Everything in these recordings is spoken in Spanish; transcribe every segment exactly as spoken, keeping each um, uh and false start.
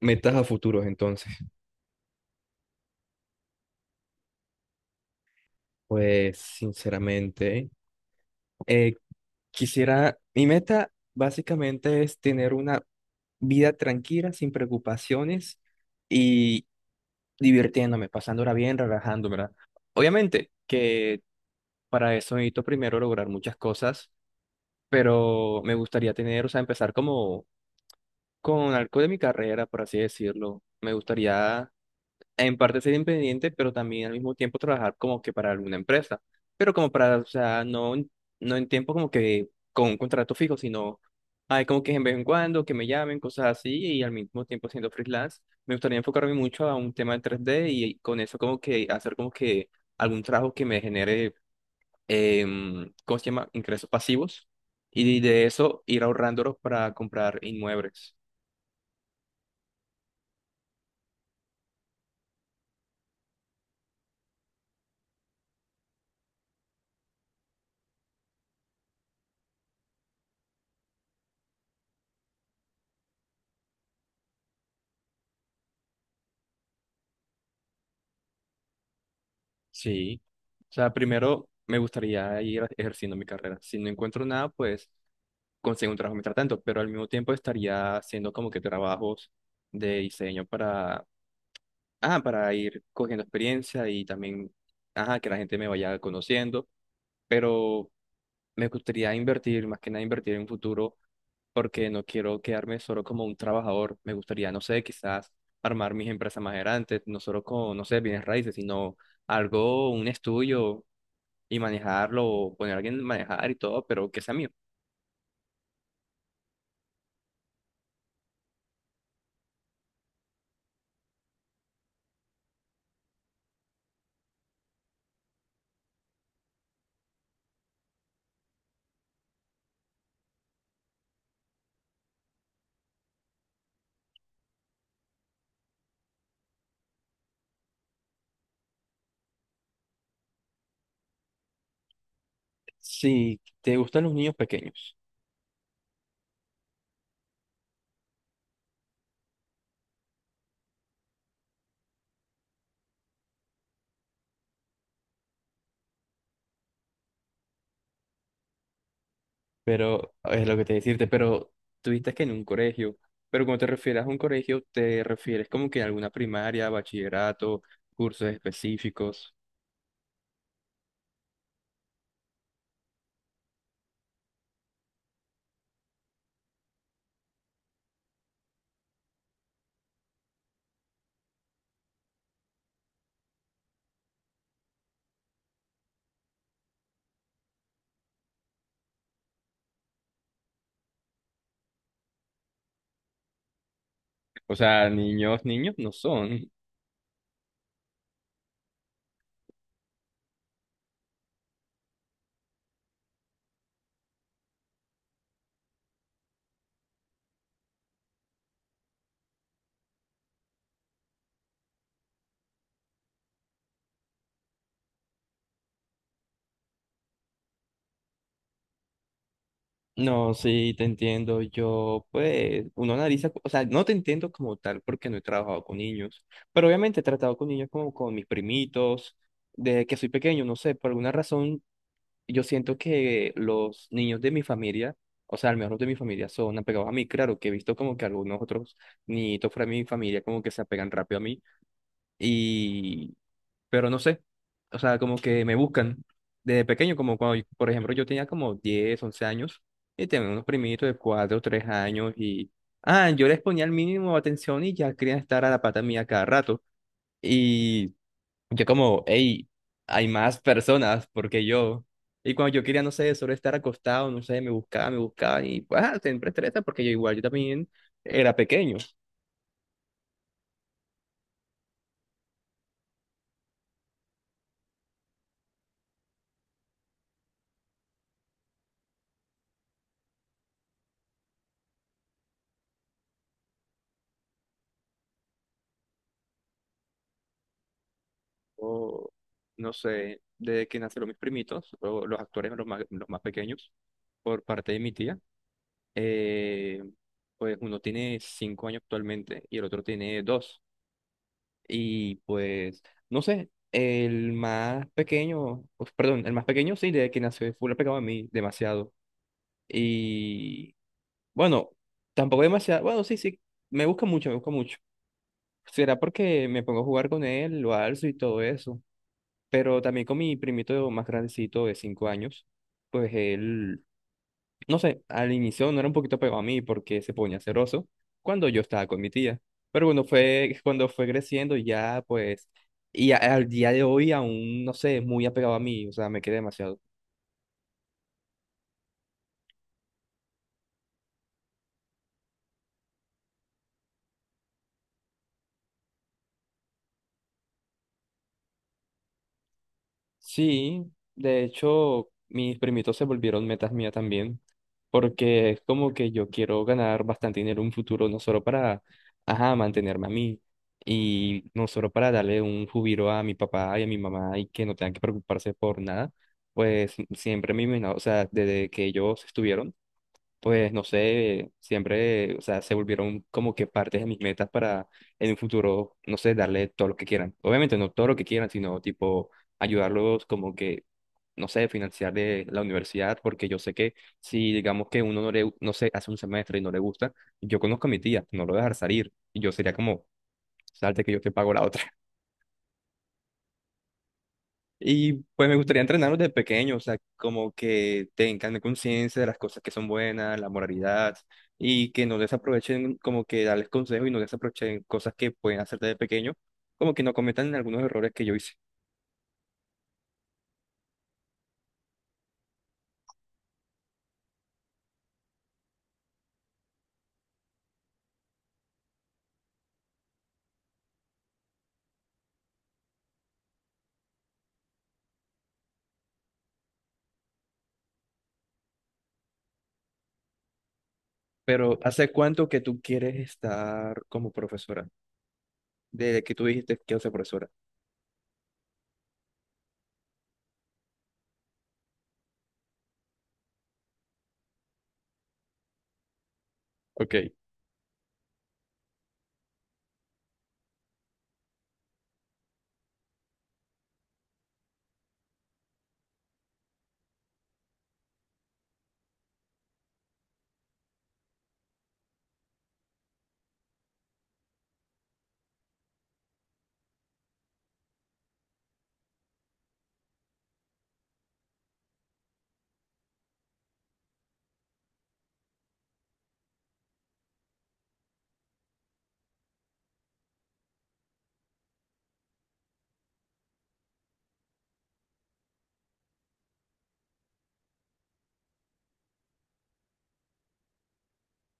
Metas a futuros, entonces. Pues, sinceramente, eh, quisiera, mi meta básicamente es tener una vida tranquila, sin preocupaciones y divirtiéndome, pasándola bien, relajándome, ¿verdad? Obviamente que para eso necesito primero lograr muchas cosas, pero me gustaría tener, o sea, empezar como con algo de mi carrera, por así decirlo. Me gustaría en parte ser independiente, pero también al mismo tiempo trabajar como que para alguna empresa, pero como para, o sea, no, en- no en tiempo como que con un contrato fijo, sino hay como que en vez en cuando que me llamen, cosas así, y al mismo tiempo siendo freelance, me gustaría enfocarme mucho a un tema de tres D y con eso como que hacer como que algún trabajo que me genere, em, ¿cómo se llama? Ingresos pasivos, y de eso ir ahorrándolos para comprar inmuebles. Sí, o sea, primero me gustaría ir ejerciendo mi carrera. Si no encuentro nada, pues consigo un trabajo mientras tanto, pero al mismo tiempo estaría haciendo como que trabajos de diseño para, ah, para ir cogiendo experiencia y también, ajá, que la gente me vaya conociendo, pero me gustaría invertir, más que nada invertir en un futuro, porque no quiero quedarme solo como un trabajador. Me gustaría, no sé, quizás armar mis empresas más grandes, no solo con, no sé, bienes raíces, sino algo, un estudio y manejarlo, poner a alguien a manejar y todo, pero que sea mío. Sí, te gustan los niños pequeños. Pero es lo que te decirte, pero tuviste que en un colegio, pero cuando te refieres a un colegio, te refieres como que a alguna primaria, bachillerato, cursos específicos. O sea, niños, niños no son. No, sí, te entiendo, yo pues, uno analiza, o sea, no te entiendo como tal porque no he trabajado con niños, pero obviamente he tratado con niños como con mis primitos, desde que soy pequeño, no sé, por alguna razón yo siento que los niños de mi familia, o sea, al menos los de mi familia son apegados a mí. Claro que he visto como que algunos otros niñitos fuera de mi familia como que se apegan rápido a mí y, pero no sé, o sea, como que me buscan desde pequeño, como cuando, yo- por ejemplo, yo tenía como diez, once años y tenía unos primitos de cuatro, tres años y, ah, yo les ponía el mínimo de atención y ya querían estar a la pata mía cada rato. Yo como, hey, hay más personas porque yo. Y cuando yo quería, no sé, solo estar acostado, no sé, me buscaba me buscaba y pues ah, siempre estresa porque yo igual, yo también era pequeño. O no sé, desde que nacieron mis primitos, o los actores los más, los más pequeños, por parte de mi tía, eh, pues uno tiene cinco años actualmente y el otro tiene dos. Y pues, no sé, el más pequeño, pues, perdón, el más pequeño sí, desde que nació, fue lo pegado a mí demasiado. Y bueno, tampoco demasiado. Bueno, sí, sí, me busca mucho, me busca mucho. Será porque me pongo a jugar con él, lo alzo y todo eso. Pero también con mi primito más grandecito de cinco años, pues él, no sé, al inicio no era un poquito pegado a mí porque se ponía celoso cuando yo estaba con mi tía. Pero bueno, fue cuando fue creciendo ya, pues, y a- al día de hoy aún, no sé, es muy apegado a mí, o sea, me quedé demasiado. Sí, de hecho, mis primitos se volvieron metas mías también, porque es como que yo quiero ganar bastante dinero en un futuro, no solo para, ajá, mantenerme a mí, y no solo para darle un jubilo a mi papá y a mi mamá y que no tengan que preocuparse por nada, pues siempre me imagino, o sea, desde que ellos estuvieron pues no sé, siempre, o sea, se volvieron como que partes de mis metas para en un futuro, no sé, darle todo lo que quieran. Obviamente no todo lo que quieran, sino tipo ayudarlos como que, no sé, financiar de la universidad, porque yo sé que si digamos que uno no le, no sé, hace un semestre y no le gusta, yo conozco a mi tía, no lo voy a dejar salir, y yo sería como, salte que yo te pago la otra. Y pues me gustaría entrenarlos desde pequeño, o sea, como que tengan conciencia de las cosas que son buenas, la moralidad, y que no desaprovechen, como que darles consejos y no desaprovechen cosas que pueden hacer desde pequeño, como que no cometan algunos errores que yo hice. Pero ¿hace cuánto que tú quieres estar como profesora? Desde que tú dijiste que quiero ser profesora. Ok.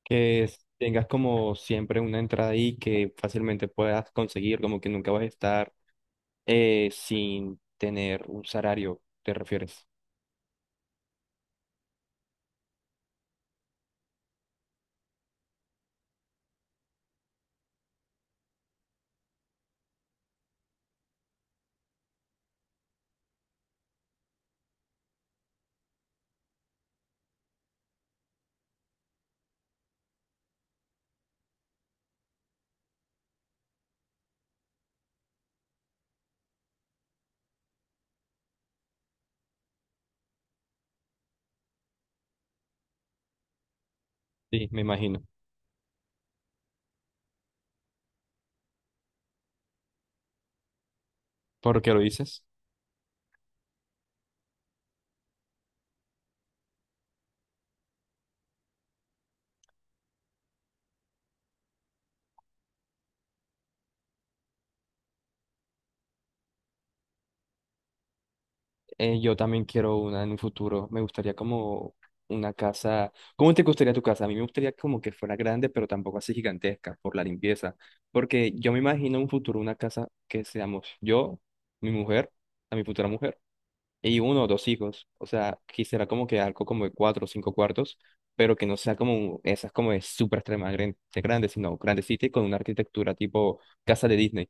Que es- tengas como siempre una entrada ahí que fácilmente puedas conseguir, como que nunca vas a estar eh, sin tener un salario, ¿te refieres? Sí, me imagino. ¿Por qué lo dices, eh, yo también quiero una en un futuro. Me gustaría como una casa. ¿Cómo te gustaría tu casa? A mí me gustaría como que fuera grande, pero tampoco así gigantesca por la limpieza. Porque yo me imagino en un futuro una casa que seamos yo, mi mujer, a mi futura mujer, y uno o dos hijos. O sea, quisiera como que algo como de cuatro o cinco cuartos, pero que no sea como esas como de súper extremadamente grandes, sino grandecita y con una arquitectura tipo casa de Disney.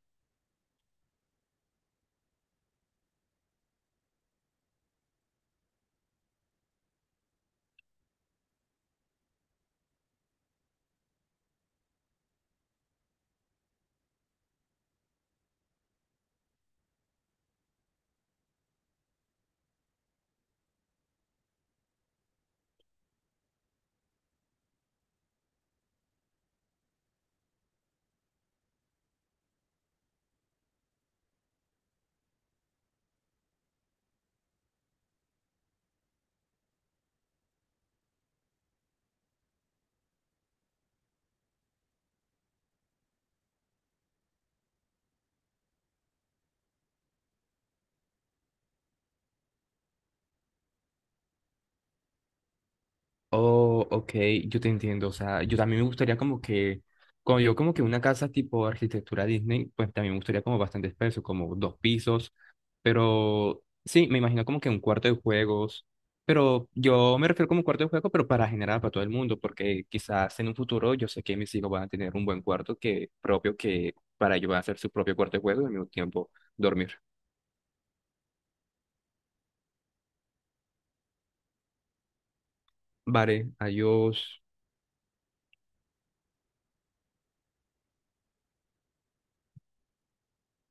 Oh, ok, yo te entiendo. O sea, yo también me gustaría como que, cuando yo como que una casa tipo arquitectura Disney, pues también me gustaría como bastante espeso, como dos pisos. Pero sí, me imagino como que un cuarto de juegos. Pero yo me refiero como cuarto de juego, pero para generar para todo el mundo, porque quizás en un futuro yo sé que mis hijos van a tener un buen cuarto que propio que para ellos va a ser su propio cuarto de juego y al mismo tiempo dormir. Vale, adiós.